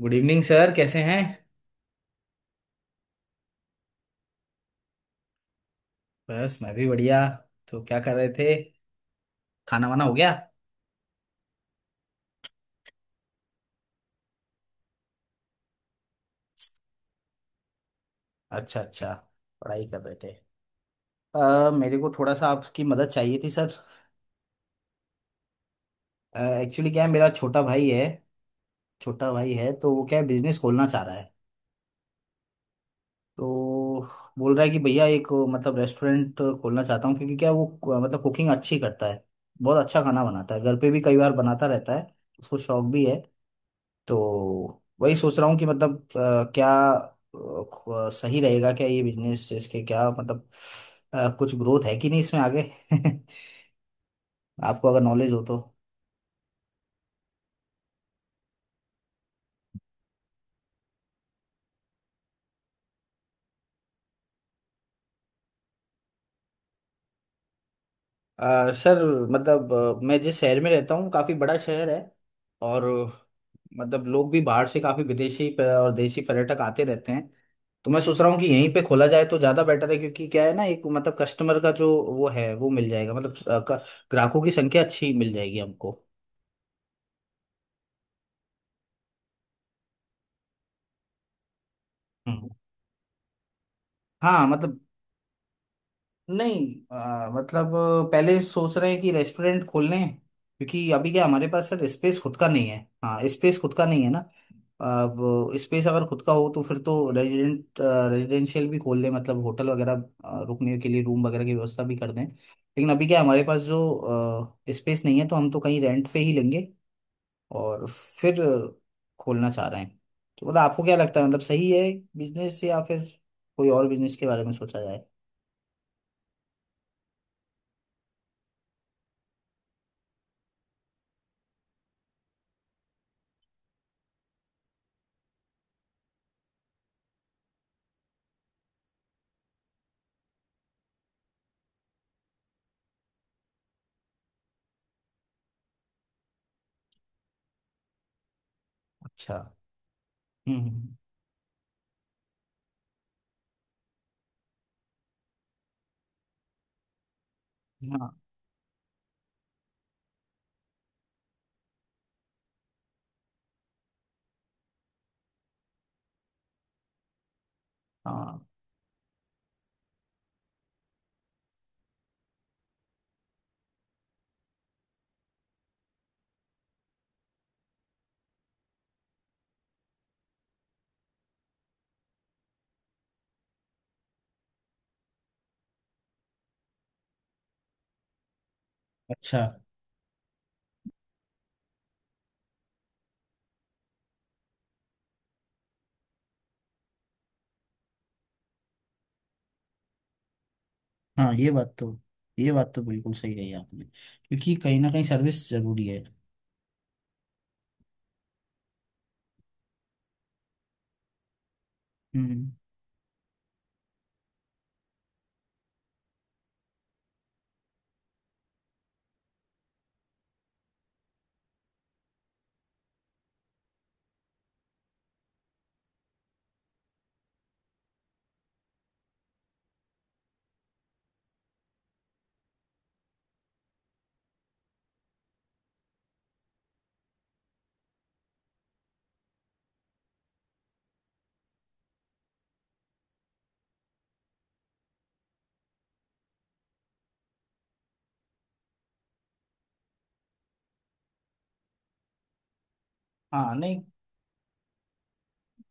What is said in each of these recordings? Good evening sir, कैसे हैं। बस मैं भी बढ़िया। तो क्या कर रहे थे, खाना वाना हो गया। अच्छा अच्छा, पढ़ाई कर रहे थे। मेरे को थोड़ा सा आपकी मदद चाहिए थी सर। एक्चुअली क्या है, मेरा छोटा भाई है। छोटा भाई है तो वो क्या है, बिजनेस खोलना चाह रहा है। तो बोल रहा है कि भैया एक मतलब रेस्टोरेंट खोलना चाहता हूँ, क्योंकि क्या है, वो मतलब कुकिंग अच्छी करता है। बहुत अच्छा खाना बनाता है, घर पे भी कई बार बनाता रहता है। उसको शौक भी है। तो वही सोच रहा हूँ कि मतलब सही रहेगा क्या ये बिजनेस, इसके क्या मतलब कुछ ग्रोथ है कि नहीं इसमें आगे। आपको अगर नॉलेज हो तो। सर, मतलब मैं जिस शहर में रहता हूँ काफ़ी बड़ा शहर है। और मतलब लोग भी बाहर से काफ़ी विदेशी और देशी पर्यटक आते रहते हैं। तो मैं सोच रहा हूँ कि यहीं पे खोला जाए तो ज़्यादा बेटर है, क्योंकि क्या है ना, एक मतलब कस्टमर का जो वो है वो मिल जाएगा। मतलब ग्राहकों की संख्या अच्छी मिल जाएगी हमको। हम्म। हाँ मतलब नहीं मतलब पहले सोच रहे हैं कि रेस्टोरेंट खोल लें, क्योंकि अभी क्या हमारे पास सर स्पेस खुद का नहीं है। हाँ स्पेस खुद का नहीं है ना। अब स्पेस अगर खुद का हो तो फिर तो रेजिडेंट रेजिडेंशियल भी खोल दें, मतलब होटल वगैरह, रुकने के लिए रूम वगैरह की व्यवस्था भी कर दें। लेकिन अभी क्या हमारे पास जो स्पेस नहीं है तो हम तो कहीं रेंट पे ही लेंगे। और फिर खोलना चाह रहे हैं। तो मतलब आपको क्या लगता है, मतलब सही है बिजनेस, या फिर कोई और बिजनेस के बारे में सोचा जाए। अच्छा। हम्म हम्म। हाँ हाँ। अच्छा। हाँ ये बात तो, ये बात तो बिल्कुल सही कही आपने, क्योंकि कहीं ना कहीं सर्विस जरूरी है। हम्म। हाँ नहीं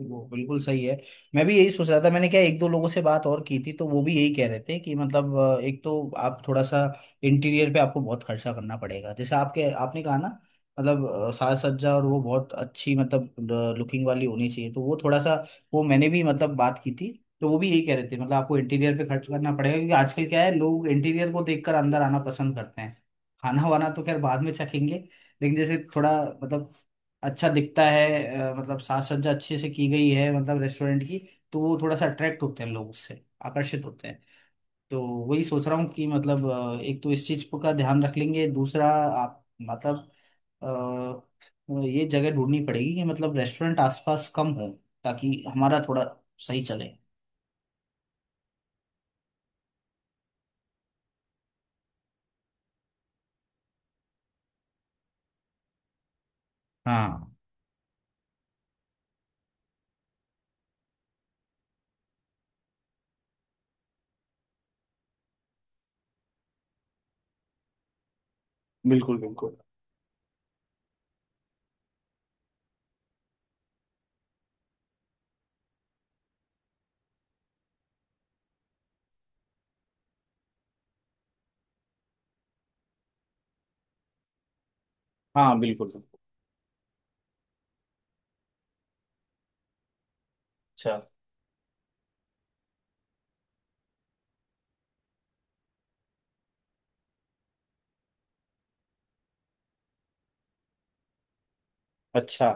वो बिल्कुल सही है। मैं भी यही सोच रहा था। मैंने क्या एक दो लोगों से बात और की थी, तो वो भी यही कह रहे थे कि मतलब एक तो आप थोड़ा सा इंटीरियर पे आपको बहुत खर्चा करना पड़ेगा, जैसे आपके आपने कहा ना। मतलब साज सज्जा और वो बहुत अच्छी, मतलब लुकिंग वाली होनी चाहिए, तो वो थोड़ा सा। वो मैंने भी मतलब बात की थी, तो वो भी यही कह रहे थे मतलब आपको इंटीरियर पे खर्च करना पड़ेगा, क्योंकि आजकल क्या है लोग इंटीरियर को देखकर अंदर आना पसंद करते हैं। खाना वाना तो खैर बाद में चखेंगे, लेकिन जैसे थोड़ा मतलब अच्छा दिखता है, मतलब साज सज्जा अच्छे से की गई है मतलब रेस्टोरेंट की, तो वो थोड़ा सा अट्रैक्ट होते हैं, लोग उससे आकर्षित होते हैं। तो वही सोच रहा हूँ कि मतलब एक तो इस चीज का ध्यान रख लेंगे, दूसरा आप मतलब ये जगह ढूंढनी पड़ेगी कि मतलब रेस्टोरेंट आसपास कम हो, ताकि हमारा थोड़ा सही चले। हाँ हाँ बिल्कुल। अच्छा अच्छा।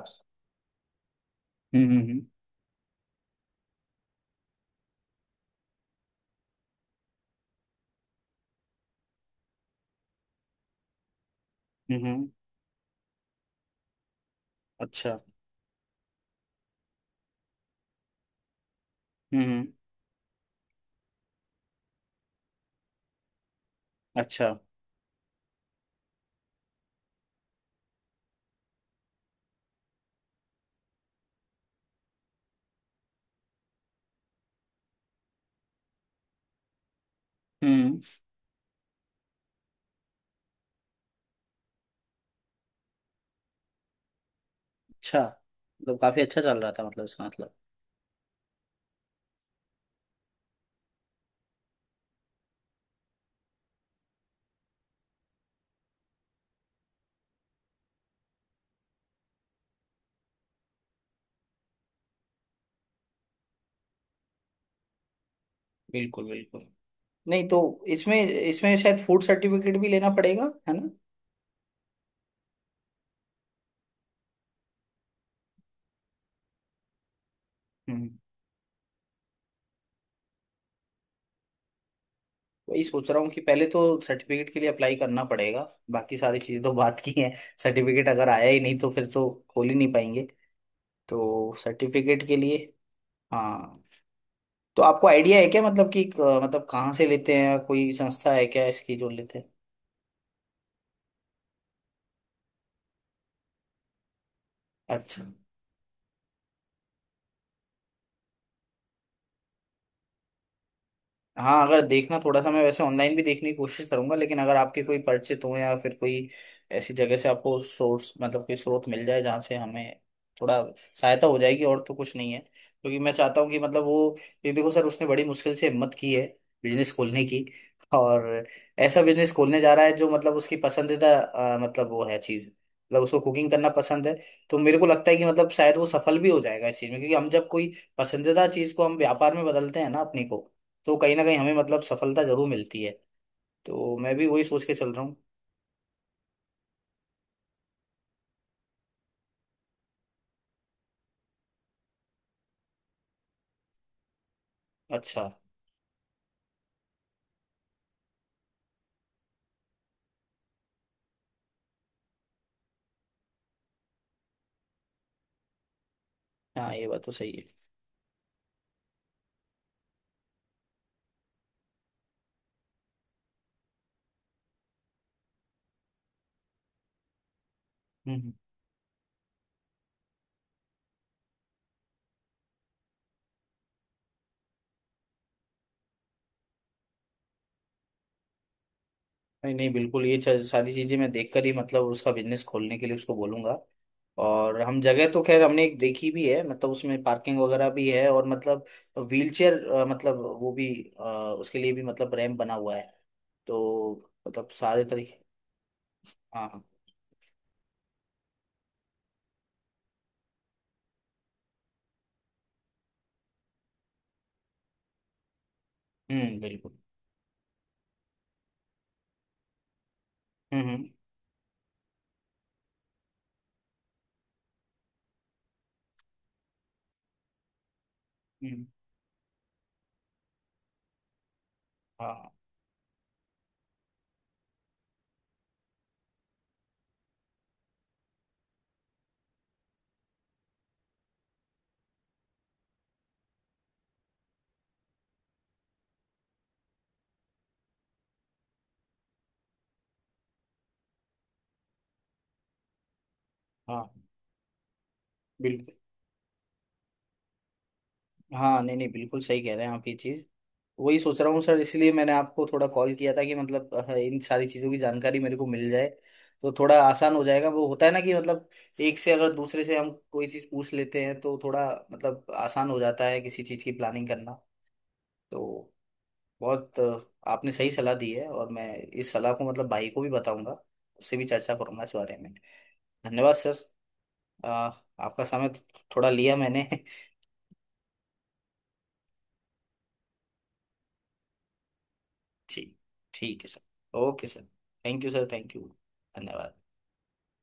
हम्म। हम्म। अच्छा। हम्म। अच्छा। हम्म। अच्छा, मतलब काफी अच्छा चल रहा था, मतलब इसका मतलब। बिल्कुल बिल्कुल। नहीं तो इसमें, इसमें शायद फूड सर्टिफिकेट भी लेना पड़ेगा, है ना। हम्म। वही सोच रहा हूँ कि पहले तो सर्टिफिकेट के लिए अप्लाई करना पड़ेगा। बाकी सारी चीज़ें तो बात की हैं। सर्टिफिकेट अगर आया ही नहीं तो फिर तो खोल ही नहीं पाएंगे। तो सर्टिफिकेट के लिए। हाँ तो आपको आइडिया है क्या, मतलब कि मतलब कहाँ से लेते हैं, कोई संस्था है क्या इसकी जो लेते हैं। अच्छा। हाँ अगर देखना, थोड़ा सा मैं वैसे ऑनलाइन भी देखने की कोशिश करूंगा, लेकिन अगर आपके कोई परिचित हो या फिर कोई ऐसी जगह से आपको सोर्स, मतलब कोई स्रोत मिल जाए जहाँ से हमें थोड़ा सहायता हो जाएगी। और तो कुछ नहीं है, क्योंकि मैं चाहता हूँ कि मतलब वो, ये देखो सर, उसने बड़ी मुश्किल से हिम्मत की है बिजनेस खोलने की। और ऐसा बिजनेस खोलने जा रहा है जो मतलब उसकी पसंदीदा मतलब वो है चीज़, मतलब उसको कुकिंग करना पसंद है। तो मेरे को लगता है कि मतलब शायद वो सफल भी हो जाएगा इस चीज़ में, क्योंकि हम जब कोई पसंदीदा चीज़ को हम व्यापार में बदलते हैं ना अपनी को, तो कहीं ना कहीं हमें मतलब सफलता जरूर मिलती है। तो मैं भी वही सोच के चल रहा हूँ। अच्छा। हाँ ये बात तो सही है। हम्म हम्म। नहीं नहीं बिल्कुल, ये सारी चीजें मैं देखकर ही मतलब उसका बिजनेस खोलने के लिए उसको बोलूंगा। और हम जगह तो खैर हमने एक देखी भी है, मतलब उसमें पार्किंग वगैरह भी है और मतलब व्हीलचेयर, मतलब वो भी अ, उसके लिए भी मतलब रैंप बना हुआ है। तो मतलब सारे तरीके। हाँ हाँ। बिल्कुल। हम्म। हम्म। हाँ। हाँ बिल्कुल। हाँ नहीं नहीं बिल्कुल सही कह रहे हैं आप ये चीज। वही सोच रहा हूँ सर, इसलिए मैंने आपको थोड़ा कॉल किया था कि मतलब इन सारी चीज़ों की जानकारी मेरे को मिल जाए, तो थोड़ा आसान हो जाएगा। वो होता है ना कि मतलब एक से, अगर दूसरे से हम कोई चीज़ पूछ लेते हैं तो थोड़ा मतलब आसान हो जाता है किसी चीज़ की प्लानिंग करना। तो बहुत आपने सही सलाह दी है, और मैं इस सलाह को मतलब भाई को भी बताऊंगा, उससे भी चर्चा करूंगा इस बारे में। धन्यवाद सर। अ, आपका समय थोड़ा लिया मैंने। ठीक ठीक है sir, okay sir. Thank you sir, thank you. धन्यवाद।